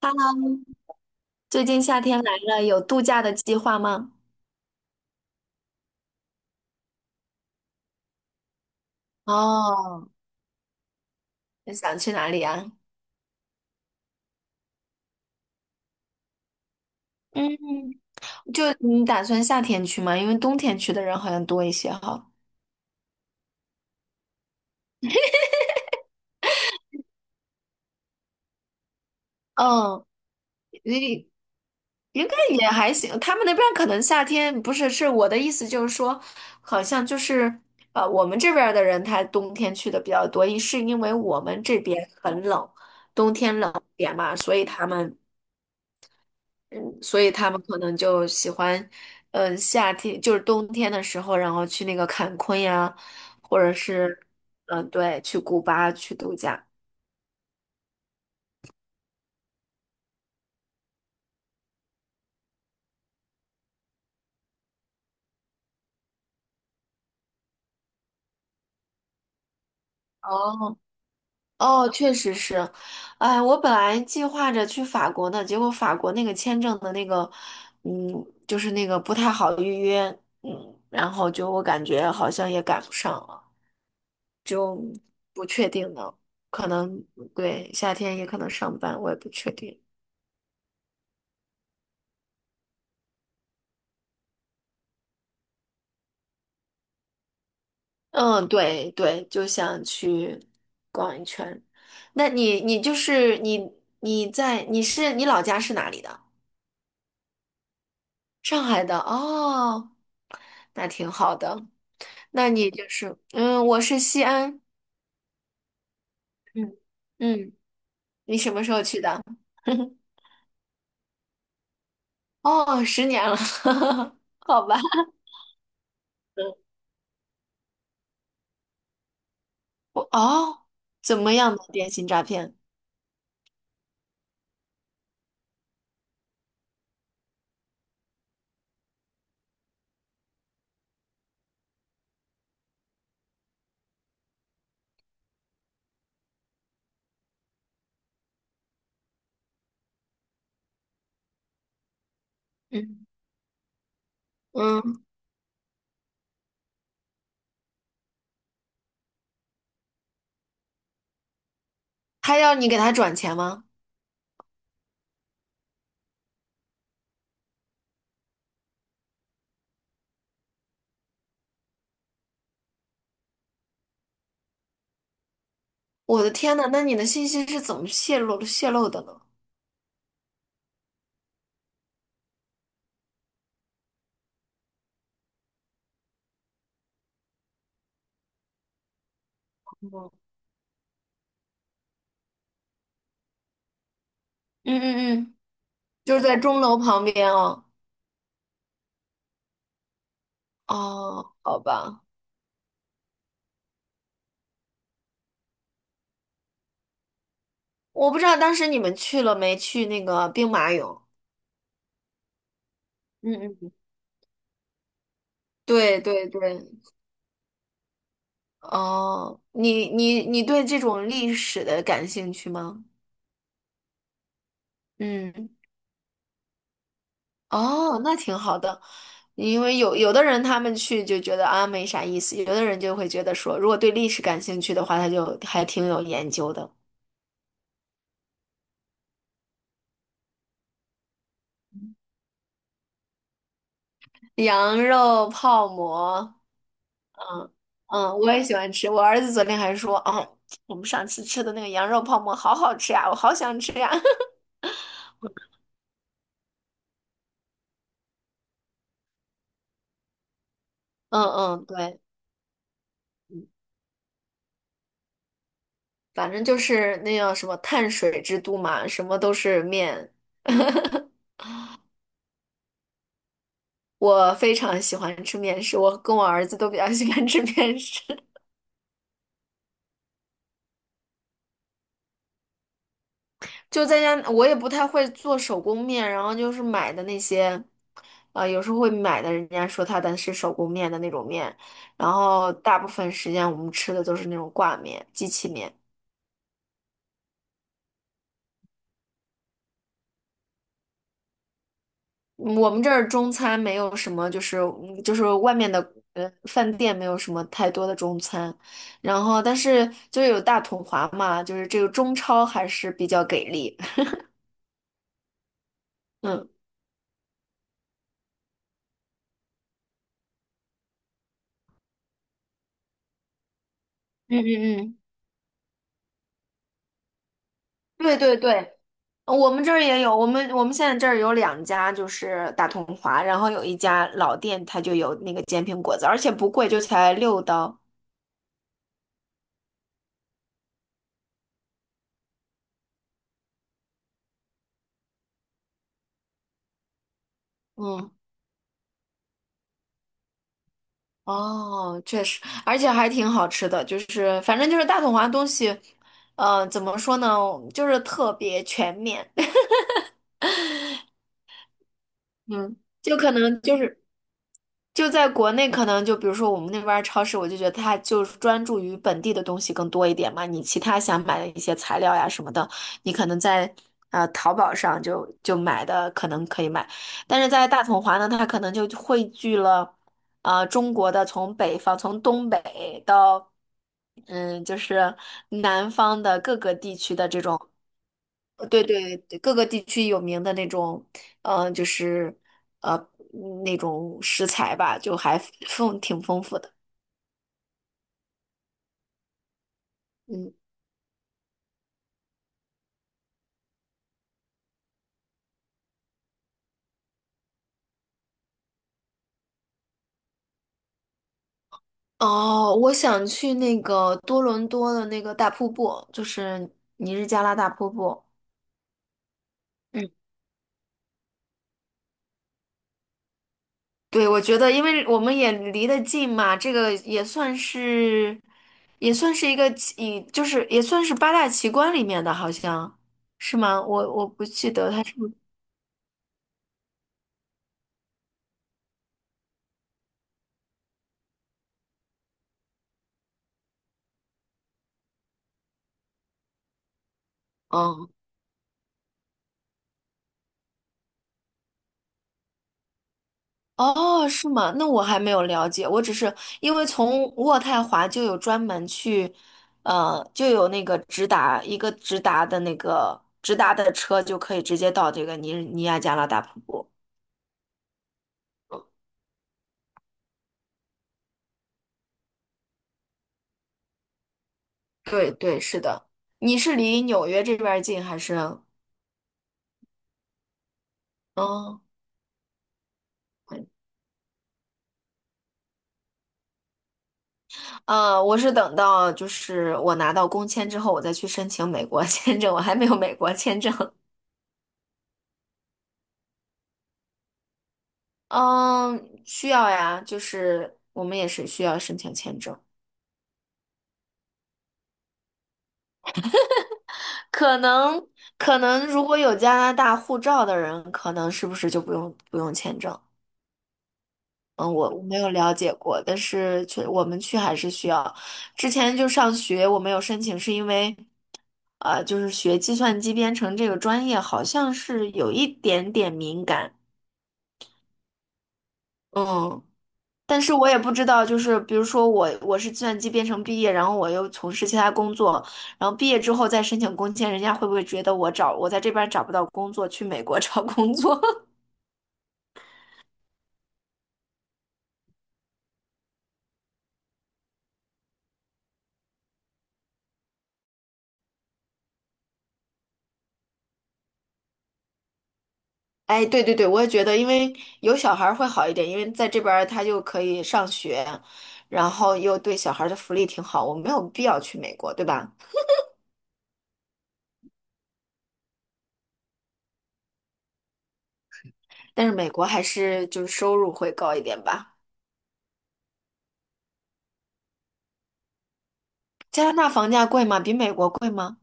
哈喽，最近夏天来了，有度假的计划吗？哦，你想去哪里啊？嗯，就你打算夏天去吗？因为冬天去的人好像多一些哈。嗯，你应该也还行。他们那边可能夏天不是，是我的意思就是说，好像就是我们这边儿的人他冬天去的比较多，一是因为我们这边很冷，冬天冷一点嘛，所以他们。嗯，所以他们可能就喜欢，嗯，夏天就是冬天的时候，然后去那个坎昆呀，或者是，嗯，对，去古巴去度假。哦哦，确实是，哎，我本来计划着去法国呢，结果法国那个签证的那个，嗯，就是那个不太好预约，嗯，然后就我感觉好像也赶不上了，就不确定呢，可能对夏天也可能上班，我也不确定。嗯，对对，就想去逛一圈。那你就是你在你老家是哪里的？上海的哦，那挺好的。那你就是嗯，我是西安。嗯嗯，你什么时候去的？哦，10年了，好吧。我哦，怎么样的电信诈骗？嗯嗯，还要你给他转钱吗？我的天呐，那你的信息是怎么泄露的呢？哦嗯嗯嗯，就是在钟楼旁边哦。哦，好吧，我不知道当时你们去了没去那个兵马俑。嗯嗯嗯。对对对，哦，你对这种历史的感兴趣吗？嗯，哦，那挺好的，因为有的人他们去就觉得啊没啥意思，有的人就会觉得说，如果对历史感兴趣的话，他就还挺有研究的。羊肉泡馍，嗯，我也喜欢吃。我儿子昨天还说，哦，我们上次吃的那个羊肉泡馍好好吃呀，我好想吃呀、嗯嗯，对，反正就是那叫什么碳水之都嘛，什么都是面。我非常喜欢吃面食，我跟我儿子都比较喜欢吃面食。就在家，我也不太会做手工面，然后就是买的那些，有时候会买的，人家说它的是手工面的那种面，然后大部分时间我们吃的都是那种挂面、机器面。嗯我们这儿中餐没有什么，就是嗯就是外面的饭店没有什么太多的中餐，然后但是就有大统华嘛，就是这个中超还是比较给力。嗯嗯嗯嗯，对对对，我们这儿也有，我们现在这儿有2家，就是大统华，然后有一家老店，它就有那个煎饼果子，而且不贵，就才6刀。嗯。哦，确实，而且还挺好吃的，就是反正就是大统华东西，呃，怎么说呢，就是特别全面，嗯，就可能就是。就在国内，可能就比如说我们那边儿超市，我就觉得它就是专注于本地的东西更多一点嘛。你其他想买的一些材料呀什么的，你可能在淘宝上就买的可能可以买，但是在大统华呢，它可能就汇聚了中国的从北方从东北到嗯就是南方的各个地区的这种。对对对，各个地区有名的那种，呃，就是呃那种食材吧，就还挺丰富的。嗯，哦，我想去那个多伦多的那个大瀑布，就是尼日加拉大瀑布。嗯，对，我觉得因为我们也离得近嘛，这个也算是也算是一个奇，就是也算是八大奇观里面的，好像是吗？我不记得它是不是。嗯哦，是吗？那我还没有了解，我只是因为从渥太华就有专门去，呃，就有那个直达一个直达的那个直达的车，就可以直接到这个尼亚加拉大瀑布。对对，是的。你是离纽约这边儿近还是？嗯，呃，我是等到就是我拿到工签之后，我再去申请美国签证，我还没有美国签证。嗯，需要呀，就是我们也是需要申请签证。可能可能如果有加拿大护照的人，可能是不是就不用签证？嗯，我没有了解过，但是去我们去还是需要。之前就上学，我没有申请，是因为呃，就是学计算机编程这个专业，好像是有一点点敏感。嗯，但是我也不知道，就是比如说我是计算机编程毕业，然后我又从事其他工作，然后毕业之后再申请工签，人家会不会觉得我在这边找不到工作，去美国 找工作？哎，对对对，我也觉得，因为有小孩儿会好一点，因为在这边儿他就可以上学，然后又对小孩儿的福利挺好，我没有必要去美国，对吧？但是美国还是就是收入会高一点吧。加拿大房价贵吗？比美国贵吗？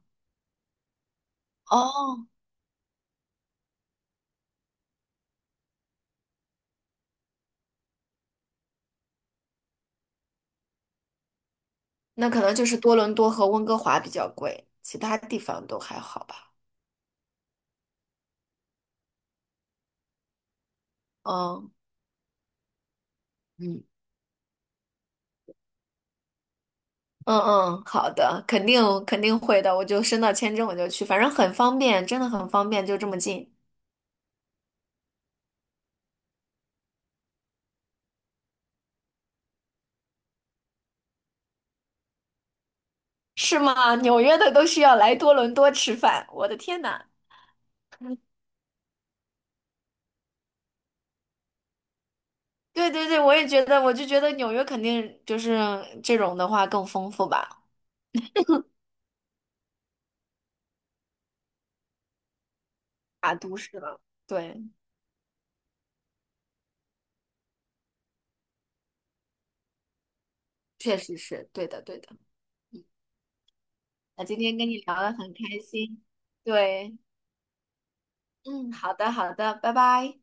哦，那可能就是多伦多和温哥华比较贵，其他地方都还好吧。嗯嗯，嗯嗯，好的，肯定肯定会的，我就申到签证我就去，反正很方便，真的很方便，就这么近。是吗？纽约的都需要来多伦多吃饭，我的天呐！对对对，我也觉得，我就觉得纽约肯定就是这种的话更丰富吧，大都市了。对，确实是，对的对的。那今天跟你聊的很开心。对，嗯，好的好的，拜拜。